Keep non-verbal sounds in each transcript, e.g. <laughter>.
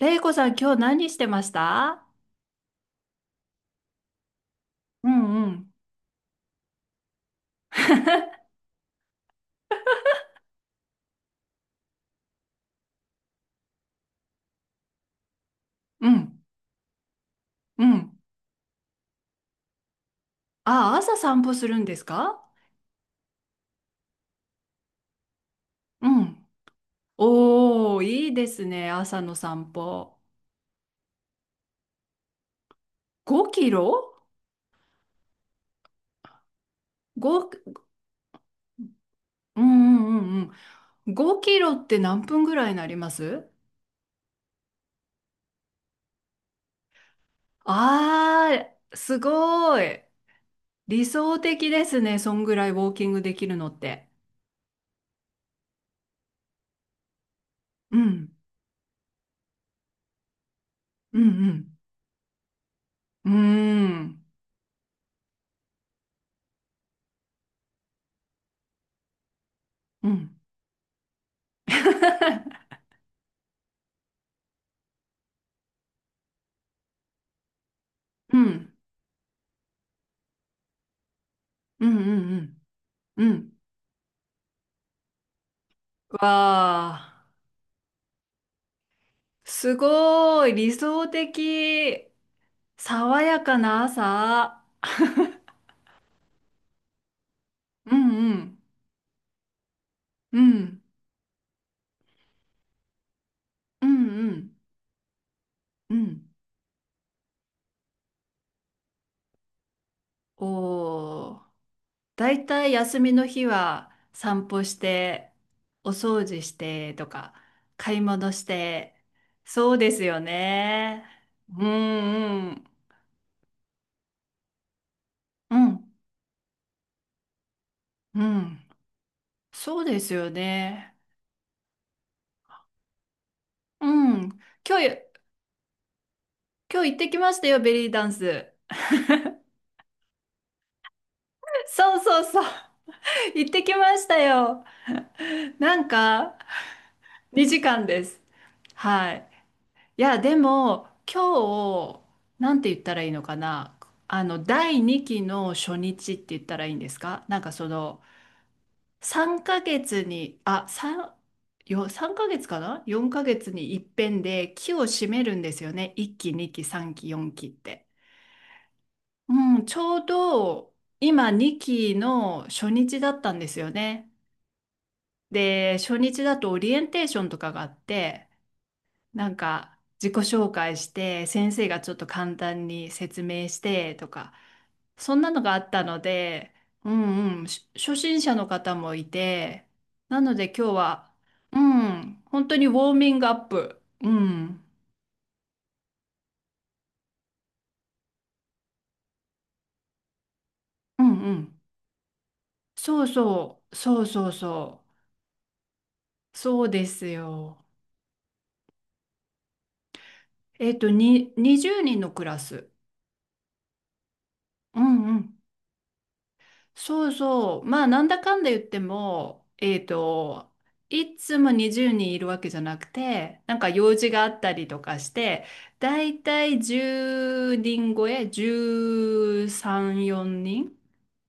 れいこさん、今日何してました？うんうん。<laughs> うんうん。あ、朝散歩するんですか？うん。おー、いいですね。朝の散歩。5キロ ?5、うんうんうんうん。5キロって何分ぐらいになります？あー、すごい。理想的ですね。そんぐらいウォーキングできるのって。うん、うん、うん。うーん、うん。<laughs> うん、<laughs> うん、うん、うん。うん。わあ、すごい理想的。爽やかな朝。<laughs> うんうん。うん。うんうんうん。おー。だいたい休みの日は散歩して、お掃除してとか、買い物して。そうですよね。うんうん。うんうん。そうですよね。うん。今日、今日行ってきましたよ、ベリーダンス。そうそうそう。行ってきましたよ。なんか、2時間です。はい。いや、でも、今日、なんて言ったらいいのかな。第2期の初日って言ったらいいんですか？なんか3ヶ月に、3ヶ月かな？ 4 ヶ月に一遍で期を締めるんですよね。1期、2期、3期、4期って。うん、ちょうど、今2期の初日だったんですよね。で、初日だとオリエンテーションとかがあって、なんか自己紹介して、先生がちょっと簡単に説明してとか、そんなのがあったので、うんうん、初心者の方もいて、なので今日は、うん、本当にウォーミングアップ。うん、うんうん。そうそう、そうそうそう。そうですよ。20人のクラス。うんうん。そうそう。まあ、なんだかんだ言っても、いつも20人いるわけじゃなくて、なんか用事があったりとかして、だいたい10人超え、13、4人、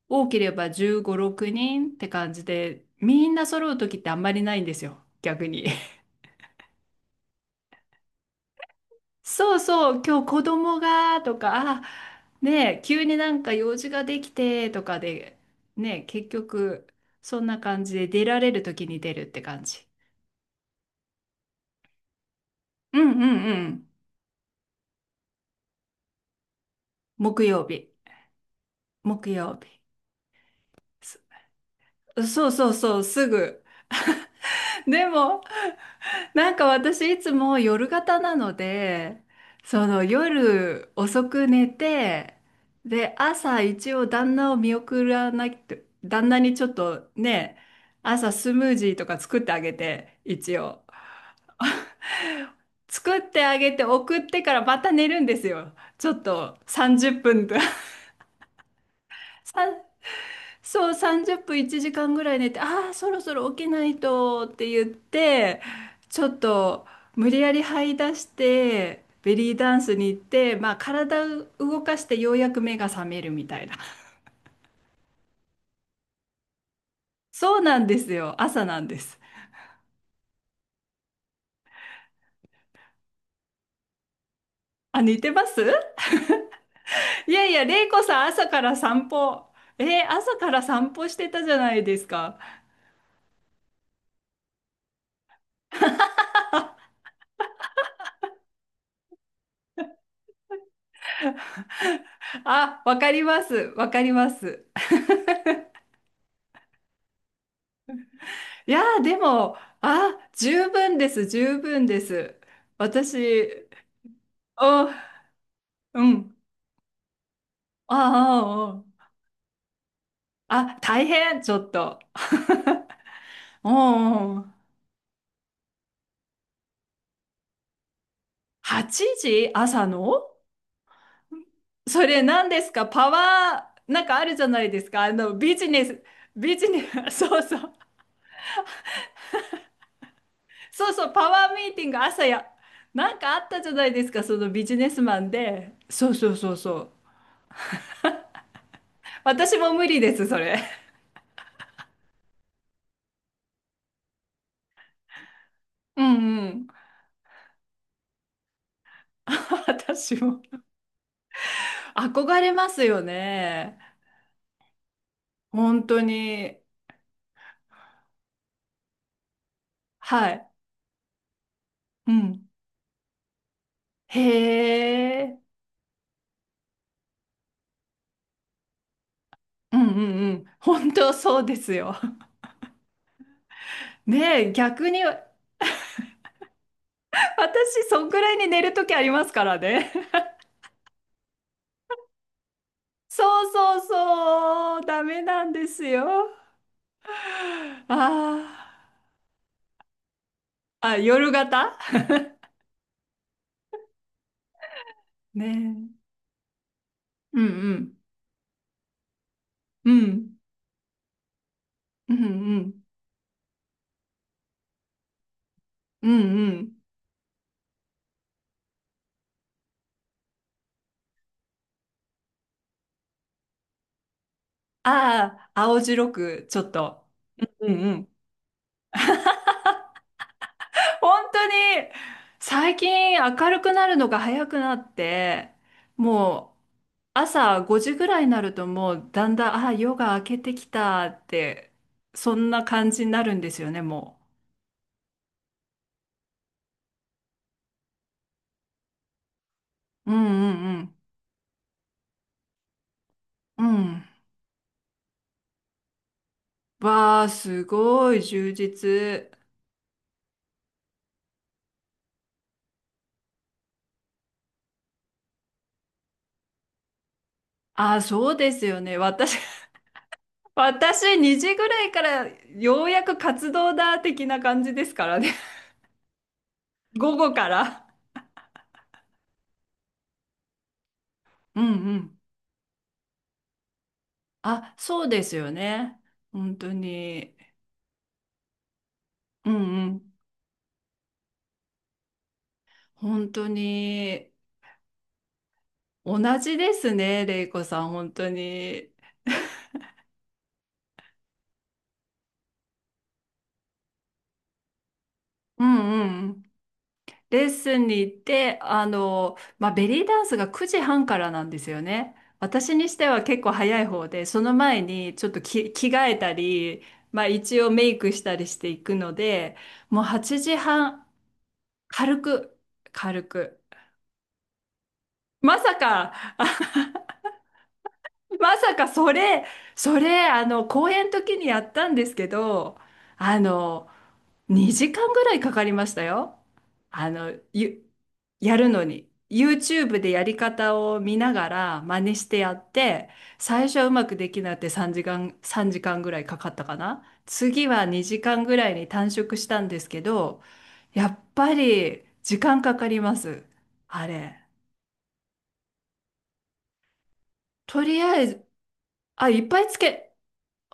多ければ15、6人って感じで、みんな揃う時ってあんまりないんですよ、逆に。そうそう、今日子供がとか、あ、ねえ、急になんか用事ができてとかで、ねえ、結局、そんな感じで出られる時に出るって感じ。うんうんうん。木曜日。木曜日。そそうそうそう、すぐ。<laughs> でも、<laughs> なんか私いつも夜型なので、その夜遅く寝て、で、朝一応旦那を見送らなきゃ、旦那にちょっとね、朝スムージーとか作ってあげて、一応。作ってあげて送ってからまた寝るんですよ。ちょっと30分とか。<laughs> さんそう、30分1時間ぐらい寝て、ああ、そろそろ起きないとって言って、ちょっと無理やり這い出して、ベリーダンスに行って、まあ体を動かしてようやく目が覚めるみたいな。そうなんですよ。朝なんです。あ、似てます。 <laughs> いやいや、玲子さん朝から散歩。朝から散歩してたじゃないですか。あ、わかります。わかります。いやー、でも、あ、十分です。十分です。私、お、うん。ああ、ああ、あ、大変、ちょっと。<laughs> おうおう、8時？朝の？それ何ですか、パワー、なんかあるじゃないですか。ビジネス、<laughs> そうそう、そうそう、パワーミーティング朝や、なんかあったじゃないですか、そのビジネスマンで。そうそうそうそう。私も無理です、それ。うんうん。<laughs> 私も。憧れますよね。本当に。はい。うん。へえ。うんうんうん。本当そうですよ。<laughs> ねえ、逆に、私、そんくらいに寝るときありますからね。<laughs> そうそうそう。ダメなんですよ。あーあ、夜型ねえ。うんうん。うん。うんうん。うんうん。ああ、青白く、ちょっと。うんうん。本当に、最近明るくなるのが早くなって、もう朝5時ぐらいになるともうだんだん、ああ、夜が明けてきたって、そんな感じになるんですよね、もう。うんうんうん。うん。わあ、すごい充実。ああ、そうですよね。私、<laughs> 私2時ぐらいからようやく活動だ的な感じですからね。<laughs> 午後から。うんうん。あ、そうですよね。本当に。うんうん。本当に。同じですね、レイコさん、本当に。うんうん。レッスンに行って、まあ、ベリーダンスが9時半からなんですよね。私にしては結構早い方で、その前にちょっと着替えたり、まあ、一応メイクしたりしていくので、もう8時半、軽く、軽く。まさか。 <laughs> まさかそれ、公演の時にやったんですけど、あの、2時間ぐらいかかりましたよ。あの、ゆ、やるのに。YouTube でやり方を見ながら真似してやって、最初はうまくできなくて3時間ぐらいかかったかな。次は2時間ぐらいに短縮したんですけど、やっぱり時間かかります。あれ。とりあえず、あ、いっぱいつけ、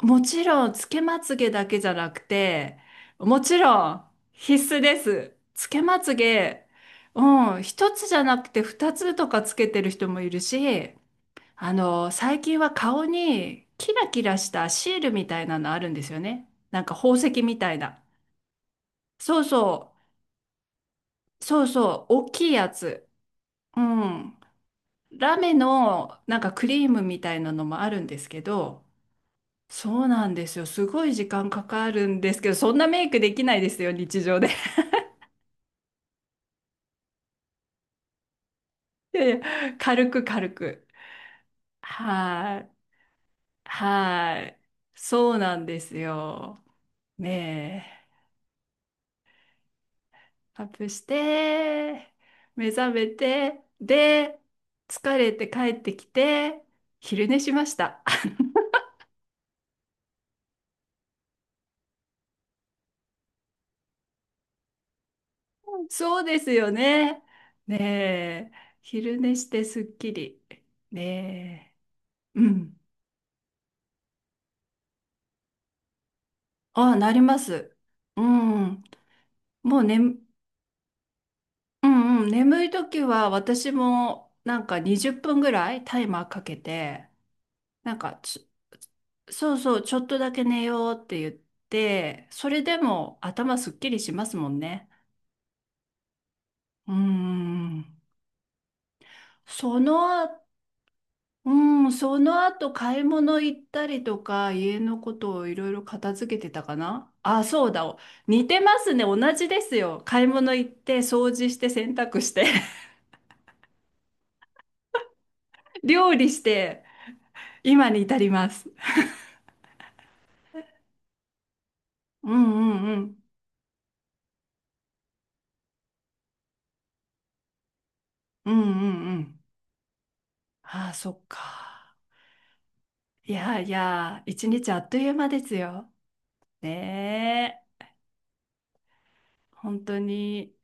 もちろん、つけまつげだけじゃなくて、もちろん必須です。つけまつげ、うん、一つじゃなくて二つとかつけてる人もいるし、最近は顔にキラキラしたシールみたいなのあるんですよね。なんか宝石みたいな。そうそう、そうそう、大きいやつ。うん。ラメのなんかクリームみたいなのもあるんですけど、そうなんですよ。すごい時間かかるんですけど、そんなメイクできないですよ、日常で。<laughs> いやいや、軽く軽く。はい。はい。そうなんですよ。ねえ。アップして、目覚めて、で、疲れて帰ってきて、昼寝しました。<laughs> そうですよね。ねえ。昼寝してすっきり。ねえ。うん。ああ、なります。うん。もうね、うんうん、眠い時は私もなんか20分ぐらいタイマーかけて、なんかそうそう、ちょっとだけ寝ようって言って、それでも頭すっきりしますもんね。うーん。そのあ、うん、その後買い物行ったりとか、家のことをいろいろ片付けてたかなあ、そうだ。似てますね。同じですよ。買い物行って、掃除して、洗濯して、<laughs> 料理して、今に至ります。うんうんうん。うんうんうん。ああ、そっか。いやいや、一日あっという間ですよ。ねえ、本当に。